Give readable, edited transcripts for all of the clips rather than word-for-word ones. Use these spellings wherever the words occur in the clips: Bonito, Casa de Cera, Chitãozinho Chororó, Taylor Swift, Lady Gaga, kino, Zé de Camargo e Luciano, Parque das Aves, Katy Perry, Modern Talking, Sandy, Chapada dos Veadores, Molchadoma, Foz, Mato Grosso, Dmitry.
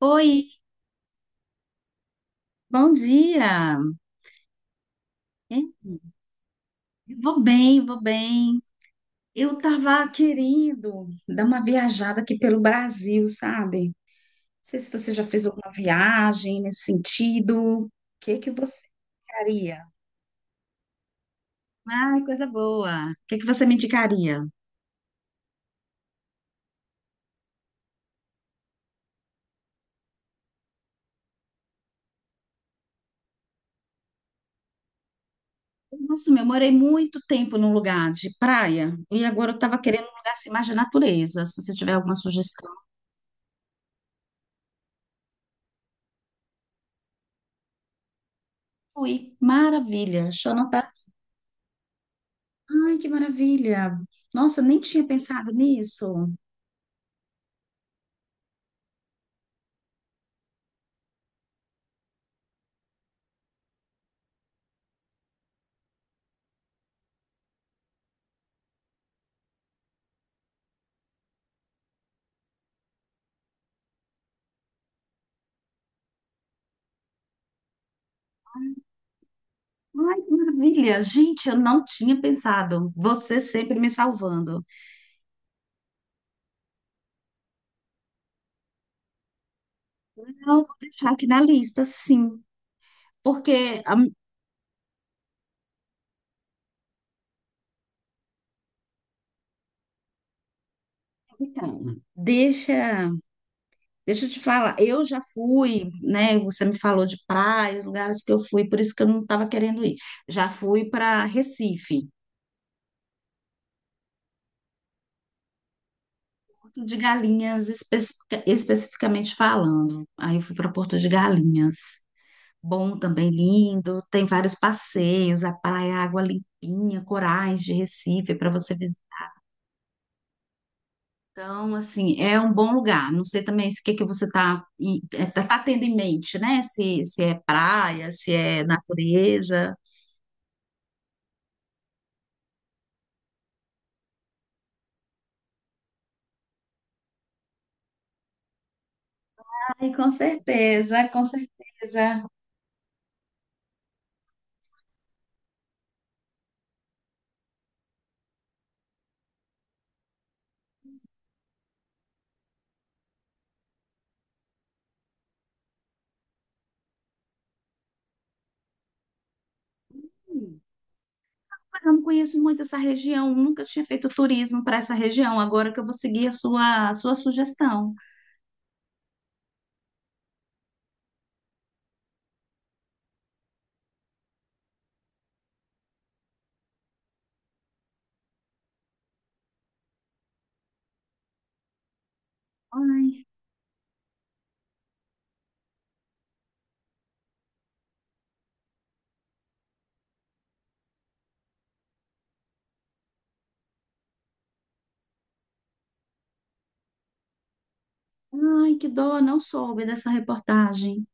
Oi, bom dia. É, eu vou bem, vou bem. Eu tava querendo dar uma viajada aqui pelo Brasil, sabe? Não sei se você já fez alguma viagem nesse sentido. O que que você indicaria? Ai, coisa boa. O que que você me indicaria? Nossa, meu, eu morei muito tempo num lugar de praia e agora eu tava querendo um lugar assim, mais de natureza. Se você tiver alguma sugestão, fui. Maravilha. Deixa eu anotar. Ai, que maravilha! Nossa, nem tinha pensado nisso. Ai, que maravilha! Gente, eu não tinha pensado. Você sempre me salvando. Não, vou deixar aqui na lista, sim. Porque, a- então, deixa eu te falar, eu já fui, né? Você me falou de praia, lugares que eu fui, por isso que eu não estava querendo ir. Já fui para Recife, Porto de Galinhas, especificamente falando. Aí eu fui para Porto de Galinhas. Bom também, lindo. Tem vários passeios, a praia, água limpinha, corais de Recife para você visitar. Então, assim, é um bom lugar. Não sei também se o que que você está tá tendo em mente, né? Se é praia, se é natureza. Ai, com certeza, com certeza. Hum. Eu não conheço muito essa região, nunca tinha feito turismo para essa região. Agora que eu vou seguir a a sua sugestão. Ai, ai, que dó, não soube dessa reportagem.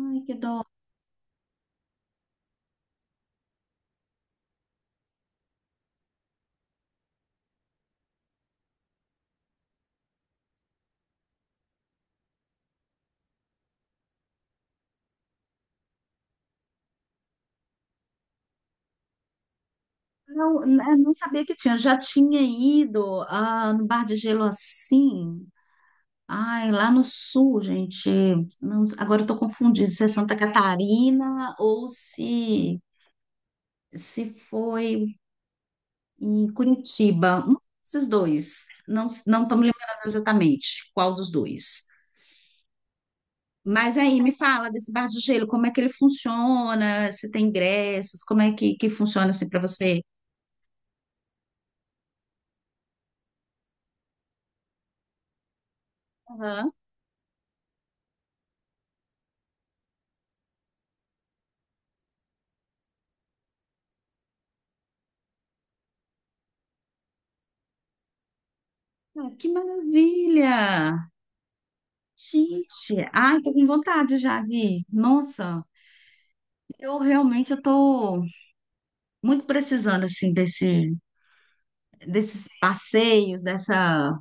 Ai, que dó. Não, eu não sabia que tinha. Já tinha ido no Bar de Gelo assim. Ai, lá no sul, gente. Agora eu tô confundindo se é Santa Catarina ou se foi em Curitiba. Um desses dois. Não, não estou me lembrando exatamente qual dos dois. Mas aí, me fala desse Bar de Gelo, como é que ele funciona, se tem ingressos, como é que funciona assim para você? Aham. Ah, que maravilha! Gente, ai, tô com vontade já, Gui. Nossa, eu realmente eu tô muito precisando assim desses passeios, dessa,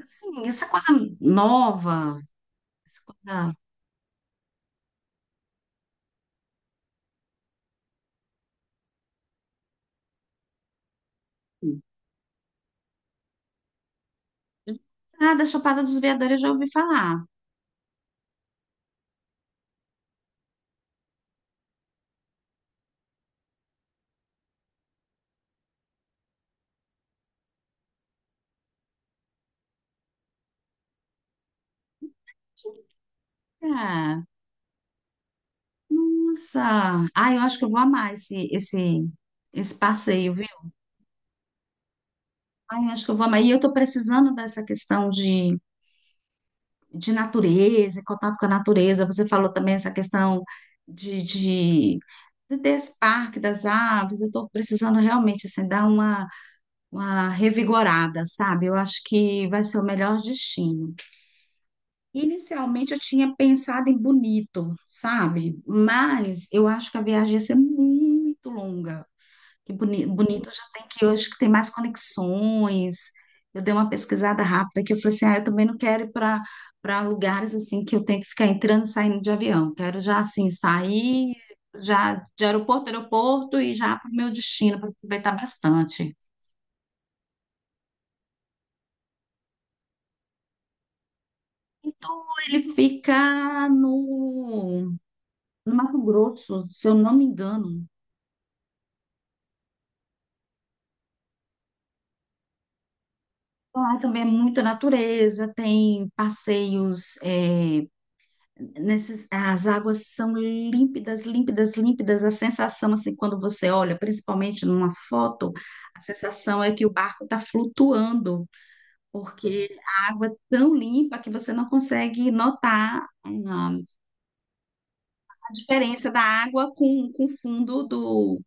assim, essa coisa nova, essa coisa assim, ah, da Chapada dos Veadores eu já ouvi falar. Ah, nossa, ai, eu acho que eu vou amar esse passeio, viu? Ai, eu acho que eu vou amar. E eu tô precisando dessa questão de natureza, contato com a natureza. Você falou também essa questão de, de- desse parque das aves. Eu estou precisando realmente assim, dar uma revigorada, sabe? Eu acho que vai ser o melhor destino. Inicialmente eu tinha pensado em Bonito, sabe? Mas eu acho que a viagem ia ser muito longa. Que bonito já tem que hoje que tem mais conexões. Eu dei uma pesquisada rápida que eu falei assim, ah, eu também não quero ir para lugares assim que eu tenho que ficar entrando e saindo de avião. Quero já assim sair já de aeroporto a aeroporto e já para o meu destino para aproveitar bastante. Então ele fica no Mato Grosso, se eu não me engano. Lá também é muita natureza, tem passeios nesses, as águas são límpidas, límpidas, límpidas. A sensação, assim, quando você olha, principalmente numa foto, a sensação é que o barco está flutuando, porque a água é tão limpa que você não consegue notar, ah, a diferença da água com o fundo do.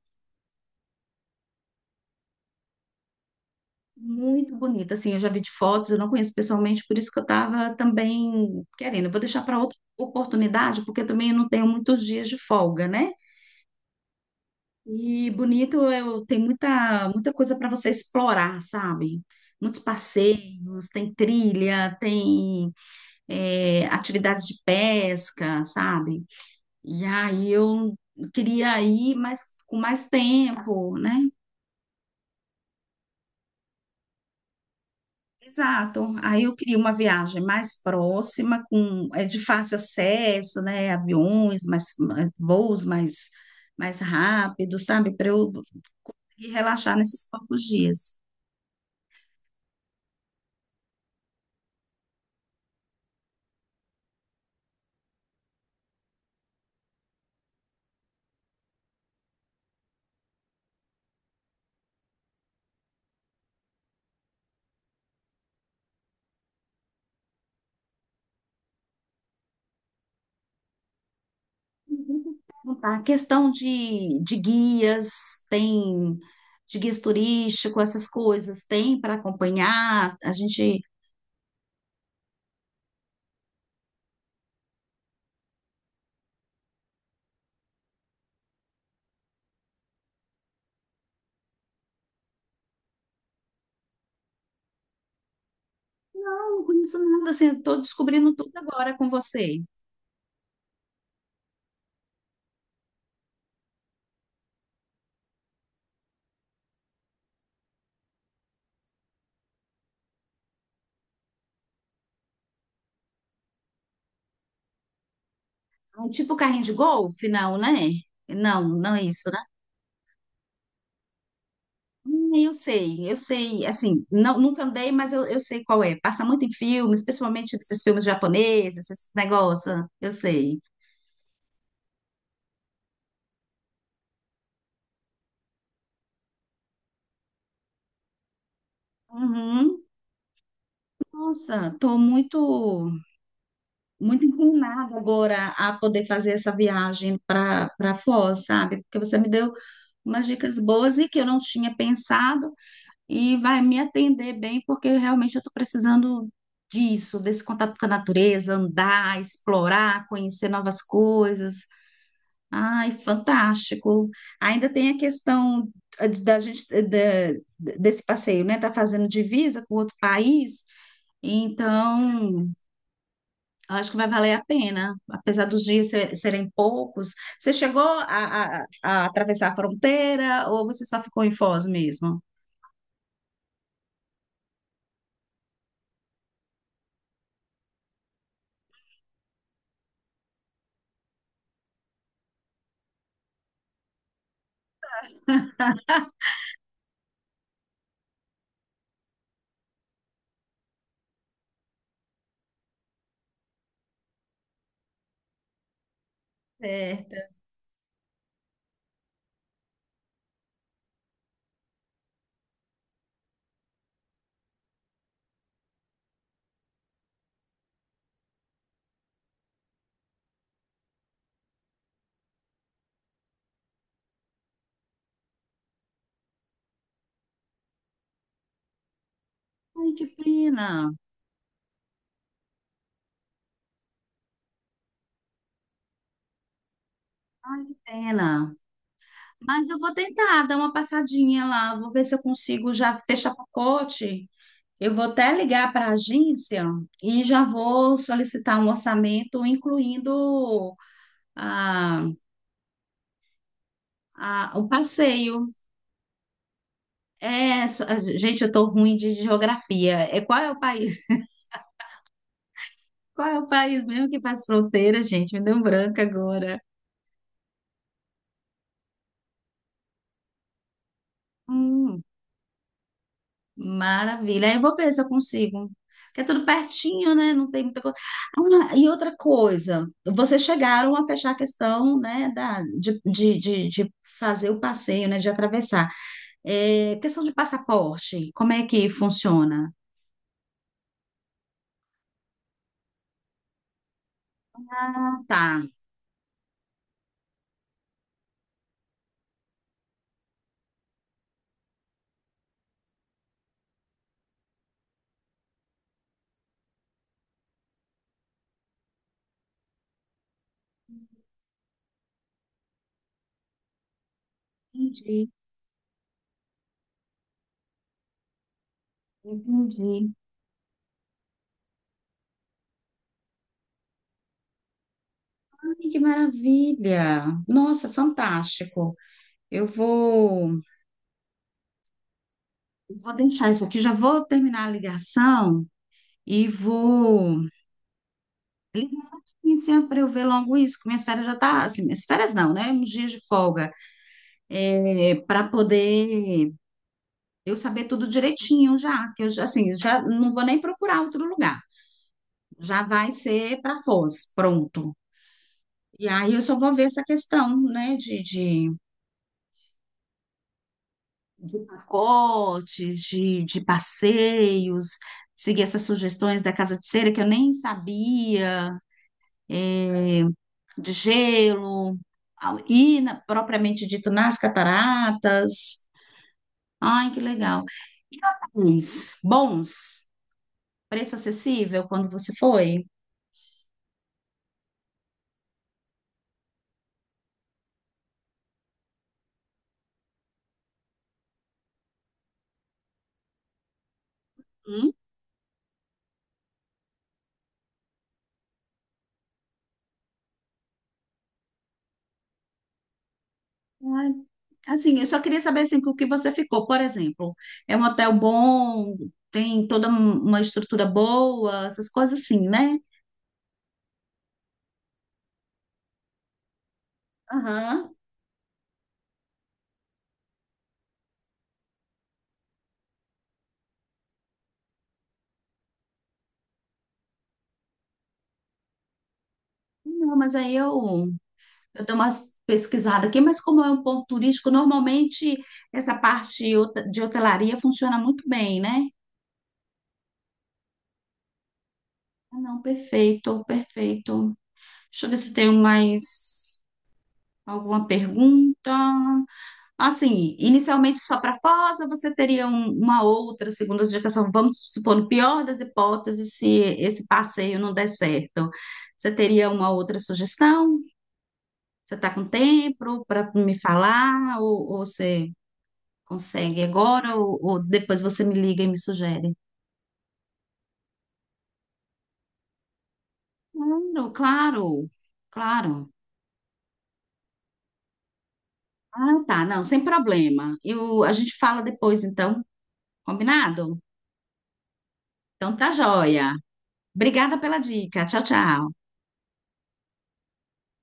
Muito bonita. Assim, eu já vi de fotos, eu não conheço pessoalmente, por isso que eu estava também querendo. Eu vou deixar para outra oportunidade, porque também eu não tenho muitos dias de folga, né? E bonito, eu, tem muita, muita coisa para você explorar, sabe? Muitos passeios, tem trilha, tem é, atividades de pesca, sabe? E aí eu queria ir mais, com mais tempo, né? Exato. Aí eu queria uma viagem mais próxima, com é de fácil acesso, né? Aviões, mais, voos mais, mais rápidos, sabe? Para eu conseguir relaxar nesses poucos dias. A questão de guias, tem de guias turísticos, essas coisas, tem para acompanhar. A gente não conheço nada assim, estou descobrindo tudo agora com você. Um tipo carrinho de golfe, não, né? Não, não é isso, né? Eu sei, eu sei, assim, não, nunca andei, mas eu sei qual é. Passa muito em filmes, principalmente esses filmes japoneses, esses negócios, eu sei. Uhum. Nossa, tô muito inclinada agora a poder fazer essa viagem para Foz, sabe? Porque você me deu umas dicas boas e que eu não tinha pensado e vai me atender bem, porque realmente eu estou precisando disso, desse contato com a natureza, andar, explorar, conhecer novas coisas. Ai, fantástico. Ainda tem a questão da gente desse passeio, né? Tá fazendo divisa com outro país, então eu acho que vai valer a pena, apesar dos dias serem poucos. Você chegou a, a atravessar a fronteira ou você só ficou em Foz mesmo? Certa. Ai, que pena. Ai, que pena. Mas eu vou tentar dar uma passadinha lá, vou ver se eu consigo já fechar pacote. Eu vou até ligar para a agência e já vou solicitar um orçamento, incluindo a, o passeio. É, gente, eu estou ruim de geografia. É, qual é o país? Qual é o país mesmo que faz fronteira, gente? Me deu um branco agora. Hum, maravilha. Aí eu vou ver se eu consigo. Porque é tudo pertinho, né? Não tem muita coisa. Ah, e outra coisa, vocês chegaram a fechar a questão, né, da, de fazer o passeio, né, de atravessar. É, questão de passaporte, como é que funciona? Ah, tá. Entendi, entendi. Ai, que maravilha. Nossa, fantástico. Eu vou. Vou deixar isso aqui, já vou terminar a ligação e vou ligar para eu ver logo isso, que minhas férias já tá, assim, minhas férias não, né? Uns dias de folga, é, para poder eu saber tudo direitinho já, que eu já, assim, já não vou nem procurar outro lugar. Já vai ser para Foz, pronto. E aí eu só vou ver essa questão, né, de pacotes, de passeios, seguir essas sugestões da Casa de Cera que eu nem sabia eh, de gelo, propriamente dito nas cataratas. Ai, que legal. E hotéis bons, preço acessível quando você foi? Hum? Ai, assim, eu só queria saber assim, com o que você ficou. Por exemplo, é um hotel bom, tem toda uma estrutura boa, essas coisas assim, né? Aham. Não, mas aí eu dou umas pesquisadas aqui, mas como é um ponto turístico, normalmente essa parte de hotelaria funciona muito bem, né? Ah, não, perfeito, perfeito. Deixa eu ver se tenho mais alguma pergunta. Assim, inicialmente só para Foz, ou você teria uma outra segunda indicação? Vamos supor, no pior das hipóteses, se esse passeio não der certo, você teria uma outra sugestão? Você está com tempo para me falar? Ou você. Consegue agora ou depois você me liga e me sugere? Claro, claro, claro. Ah, tá, não, sem problema. Eu, a gente fala depois, então, combinado? Então tá joia. Obrigada pela dica. Tchau, tchau.